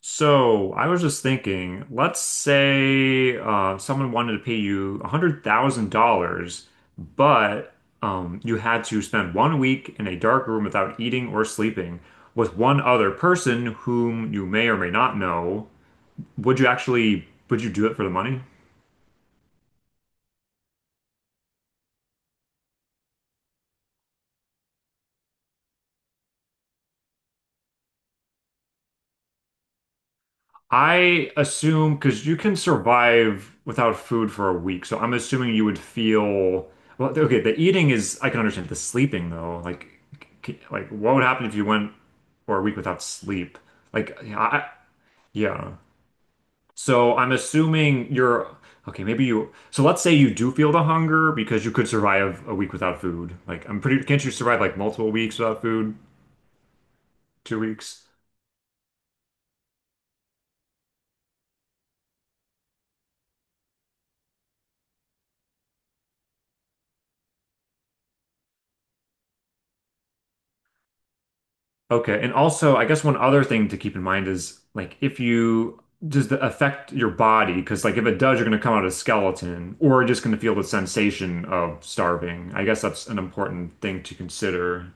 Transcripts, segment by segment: So I was just thinking, let's say someone wanted to pay you $100,000, but you had to spend 1 week in a dark room without eating or sleeping with one other person whom you may or may not know. Would you do it for the money? I assume because you can survive without food for a week, so I'm assuming you would feel well. Okay, the eating is I can understand. The sleeping though, like, like what would happen if you went for a week without sleep? Like, yeah. So I'm assuming you're okay. Maybe you. So let's say you do feel the hunger because you could survive a week without food. Like, I'm pretty. Can't you survive like multiple weeks without food? 2 weeks? Okay, and also, I guess one other thing to keep in mind is like if you does the affect your body? Because like if it does, you're going to come out a skeleton, or just going to feel the sensation of starving. I guess that's an important thing to consider.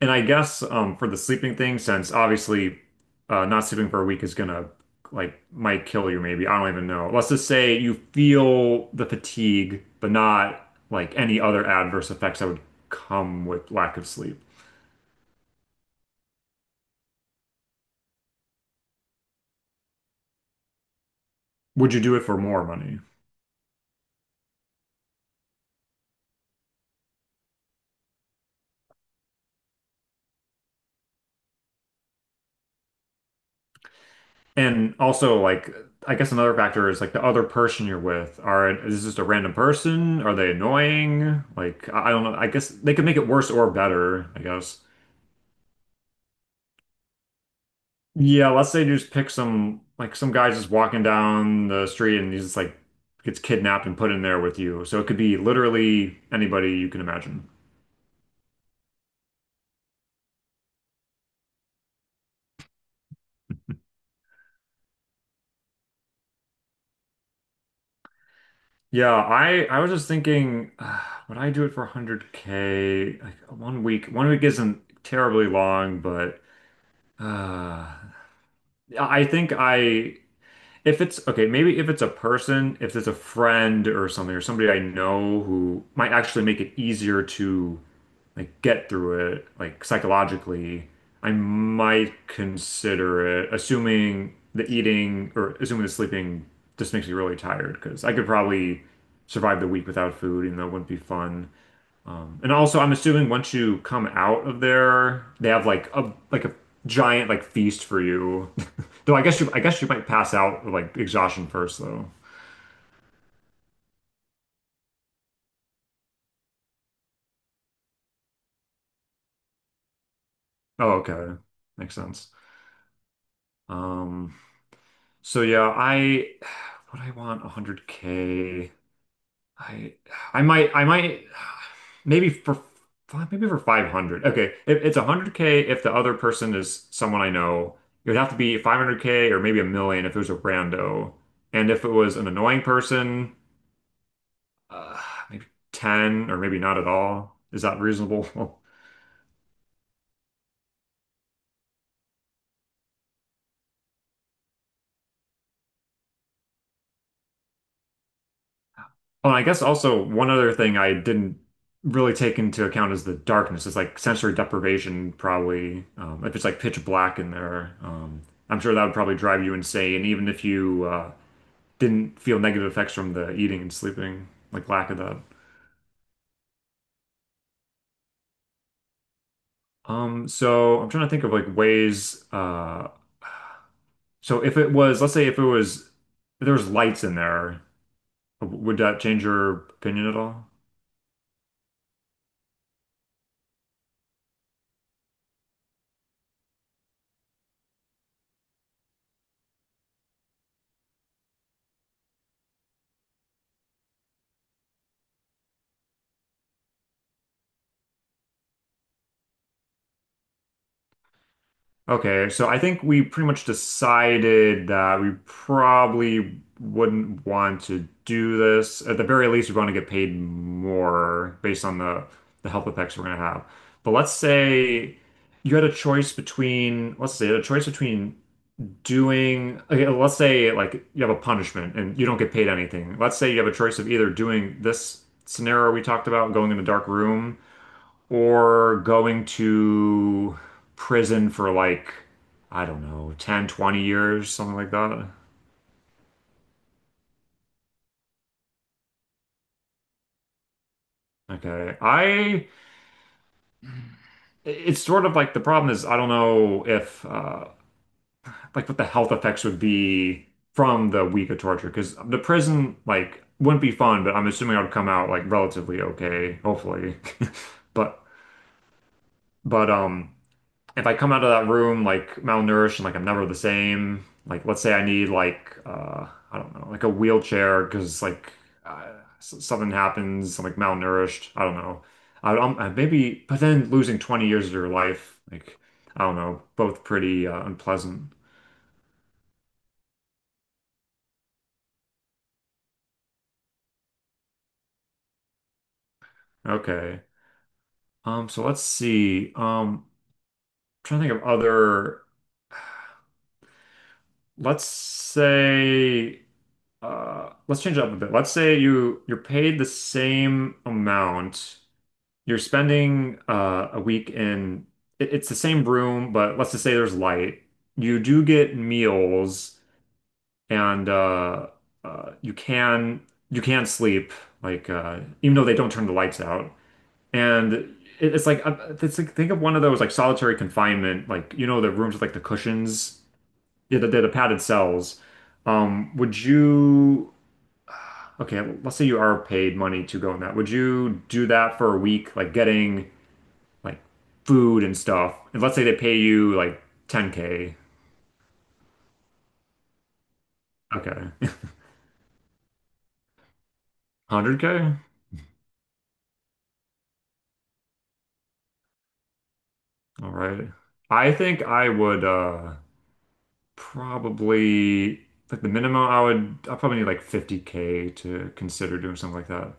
And I guess for the sleeping thing, since obviously not sleeping for a week is gonna like might kill you, maybe I don't even know. Let's just say you feel the fatigue, but not like any other adverse effects that would come with lack of sleep. Would you do it for more money? And also, like, I guess another factor is like the other person you're with. Are is this just a random person? Are they annoying? Like, I don't know. I guess they could make it worse or better, I guess. Yeah, let's say you just pick some like some guy just walking down the street and he's just like gets kidnapped and put in there with you. So it could be literally anybody you can imagine. Yeah, I was just thinking, would I do it for 100K? Like 1 week. 1 week isn't terribly long, but uh I think I, if it's okay, maybe if it's a person, if it's a friend or something, or somebody I know who might actually make it easier to like get through it, like psychologically, I might consider it, assuming the eating or assuming the sleeping just makes me really tired because I could probably survive the week without food, even though it wouldn't be fun. And also, I'm assuming once you come out of there, they have like a giant like feast for you. Though I guess you might pass out of, like exhaustion first though. Oh, okay. Makes sense. Um, so yeah, I would I want 100K. I I might maybe for maybe for 500. Okay, if it's 100K if the other person is someone I know. It would have to be 500K or maybe a million if it was a rando. And if it was an annoying person, uh, maybe 10 or maybe not at all. Is that reasonable? Well, I guess also one other thing I didn't really take into account is the darkness. It's like sensory deprivation, probably. If it's like pitch black in there, I'm sure that would probably drive you insane, even if you didn't feel negative effects from the eating and sleeping, like lack of that. So I'm trying to think of like ways. So if it was, let's say if it was, if there was lights in there, would that change your opinion at all? Okay, so I think we pretty much decided that we probably wouldn't want to do this. At the very least, we want to get paid more based on the health effects we're gonna have. But let's say you had a choice between, let's say, a choice between doing, okay, let's say like you have a punishment and you don't get paid anything. Let's say you have a choice of either doing this scenario we talked about, going in a dark room or going to prison for like, I don't know, 10, 20 years, something like that. Okay. I, it's sort of like the problem is I don't know if, like what the health effects would be from the week of torture, because the prison, like, wouldn't be fun, but I'm assuming I would come out like relatively okay, hopefully. But, but, um, if I come out of that room like malnourished and like I'm never the same, like let's say I need like I don't know, like a wheelchair because like uh, something happens, I'm like malnourished, I don't know. I, I'm I maybe but then losing 20 years of your life, like I don't know, both pretty unpleasant. Okay. So let's see. Trying to think of other let's say let's change it up a bit. Let's say you're paid the same amount. You're spending a week in, it's the same room, but let's just say there's light. You do get meals and uh, you can you can sleep like even though they don't turn the lights out. And it's like think of one of those like solitary confinement like you know the rooms with like the cushions, yeah, the padded cells. Would you okay, let's say you are paid money to go in that. Would you do that for a week like getting like food and stuff. And let's say they pay you like 10K. Okay. 100K? All right. I think I would probably like the minimum I probably need like 50K to consider doing something like that.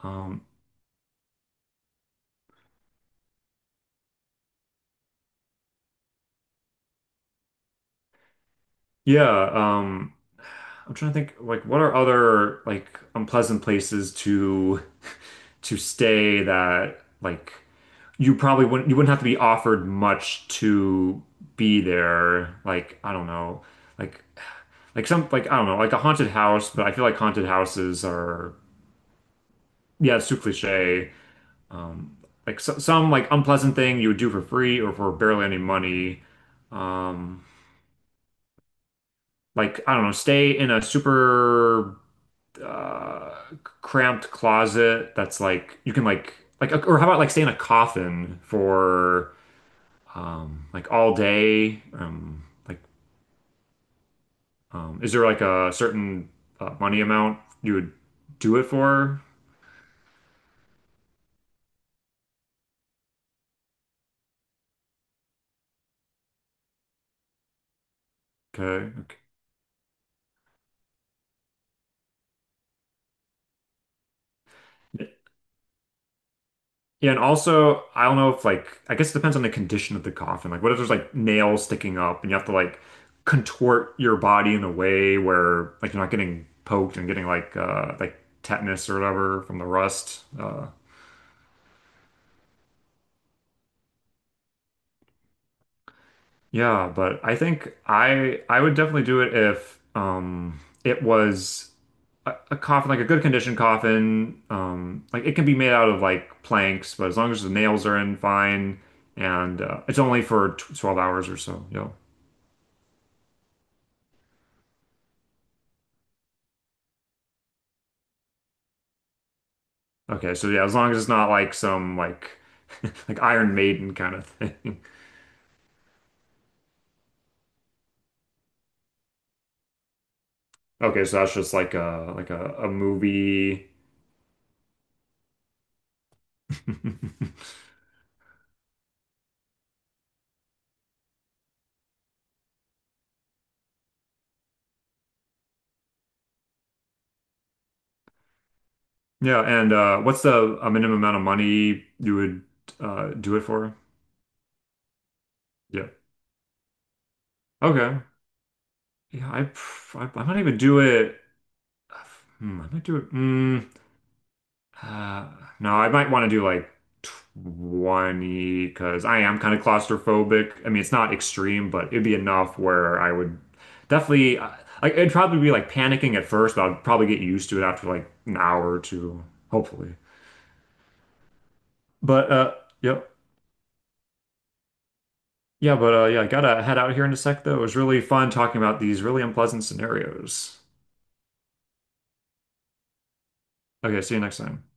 Um yeah, I'm trying to think like what are other like unpleasant places to to stay that like you wouldn't have to be offered much to be there. Like, I don't know. Like like some like I don't know, like a haunted house, but I feel like haunted houses are. Yeah, it's too cliche. Um like so, some like unpleasant thing you would do for free or for barely any money. Um like I don't know, stay in a super uh cramped closet that's like you can like or how about like stay in a coffin for like all day? Like, is there like a certain money amount you would do it for? Okay. Okay. Yeah, and also, I don't know if like, I guess it depends on the condition of the coffin. Like, what if there's like nails sticking up and you have to like contort your body in a way where like you're not getting poked and getting like tetanus or whatever from the rust? Yeah but I think I would definitely do it if it was a coffin, like a good condition coffin. Like it can be made out of like planks, but as long as the nails are in fine and it's only for tw 12 hours or so. Yeah. Okay, so yeah, as long as it's not like some like like Iron Maiden kind of thing. Okay, so that's just like a movie. Yeah, and what's the a minimum amount of money you would do it for? Yeah. Okay. Yeah, I, pr- I might even do it. Hmm, I might do it. Uh, no, I might want to do like 20 because I am kind of claustrophobic. I mean, it's not extreme, but it'd be enough where I would definitely. It'd probably be like panicking at first, but I'd probably get used to it after like an hour or two, hopefully. But yep, yeah, but yeah, I gotta head out here in a sec though. It was really fun talking about these really unpleasant scenarios. Okay, see you next time.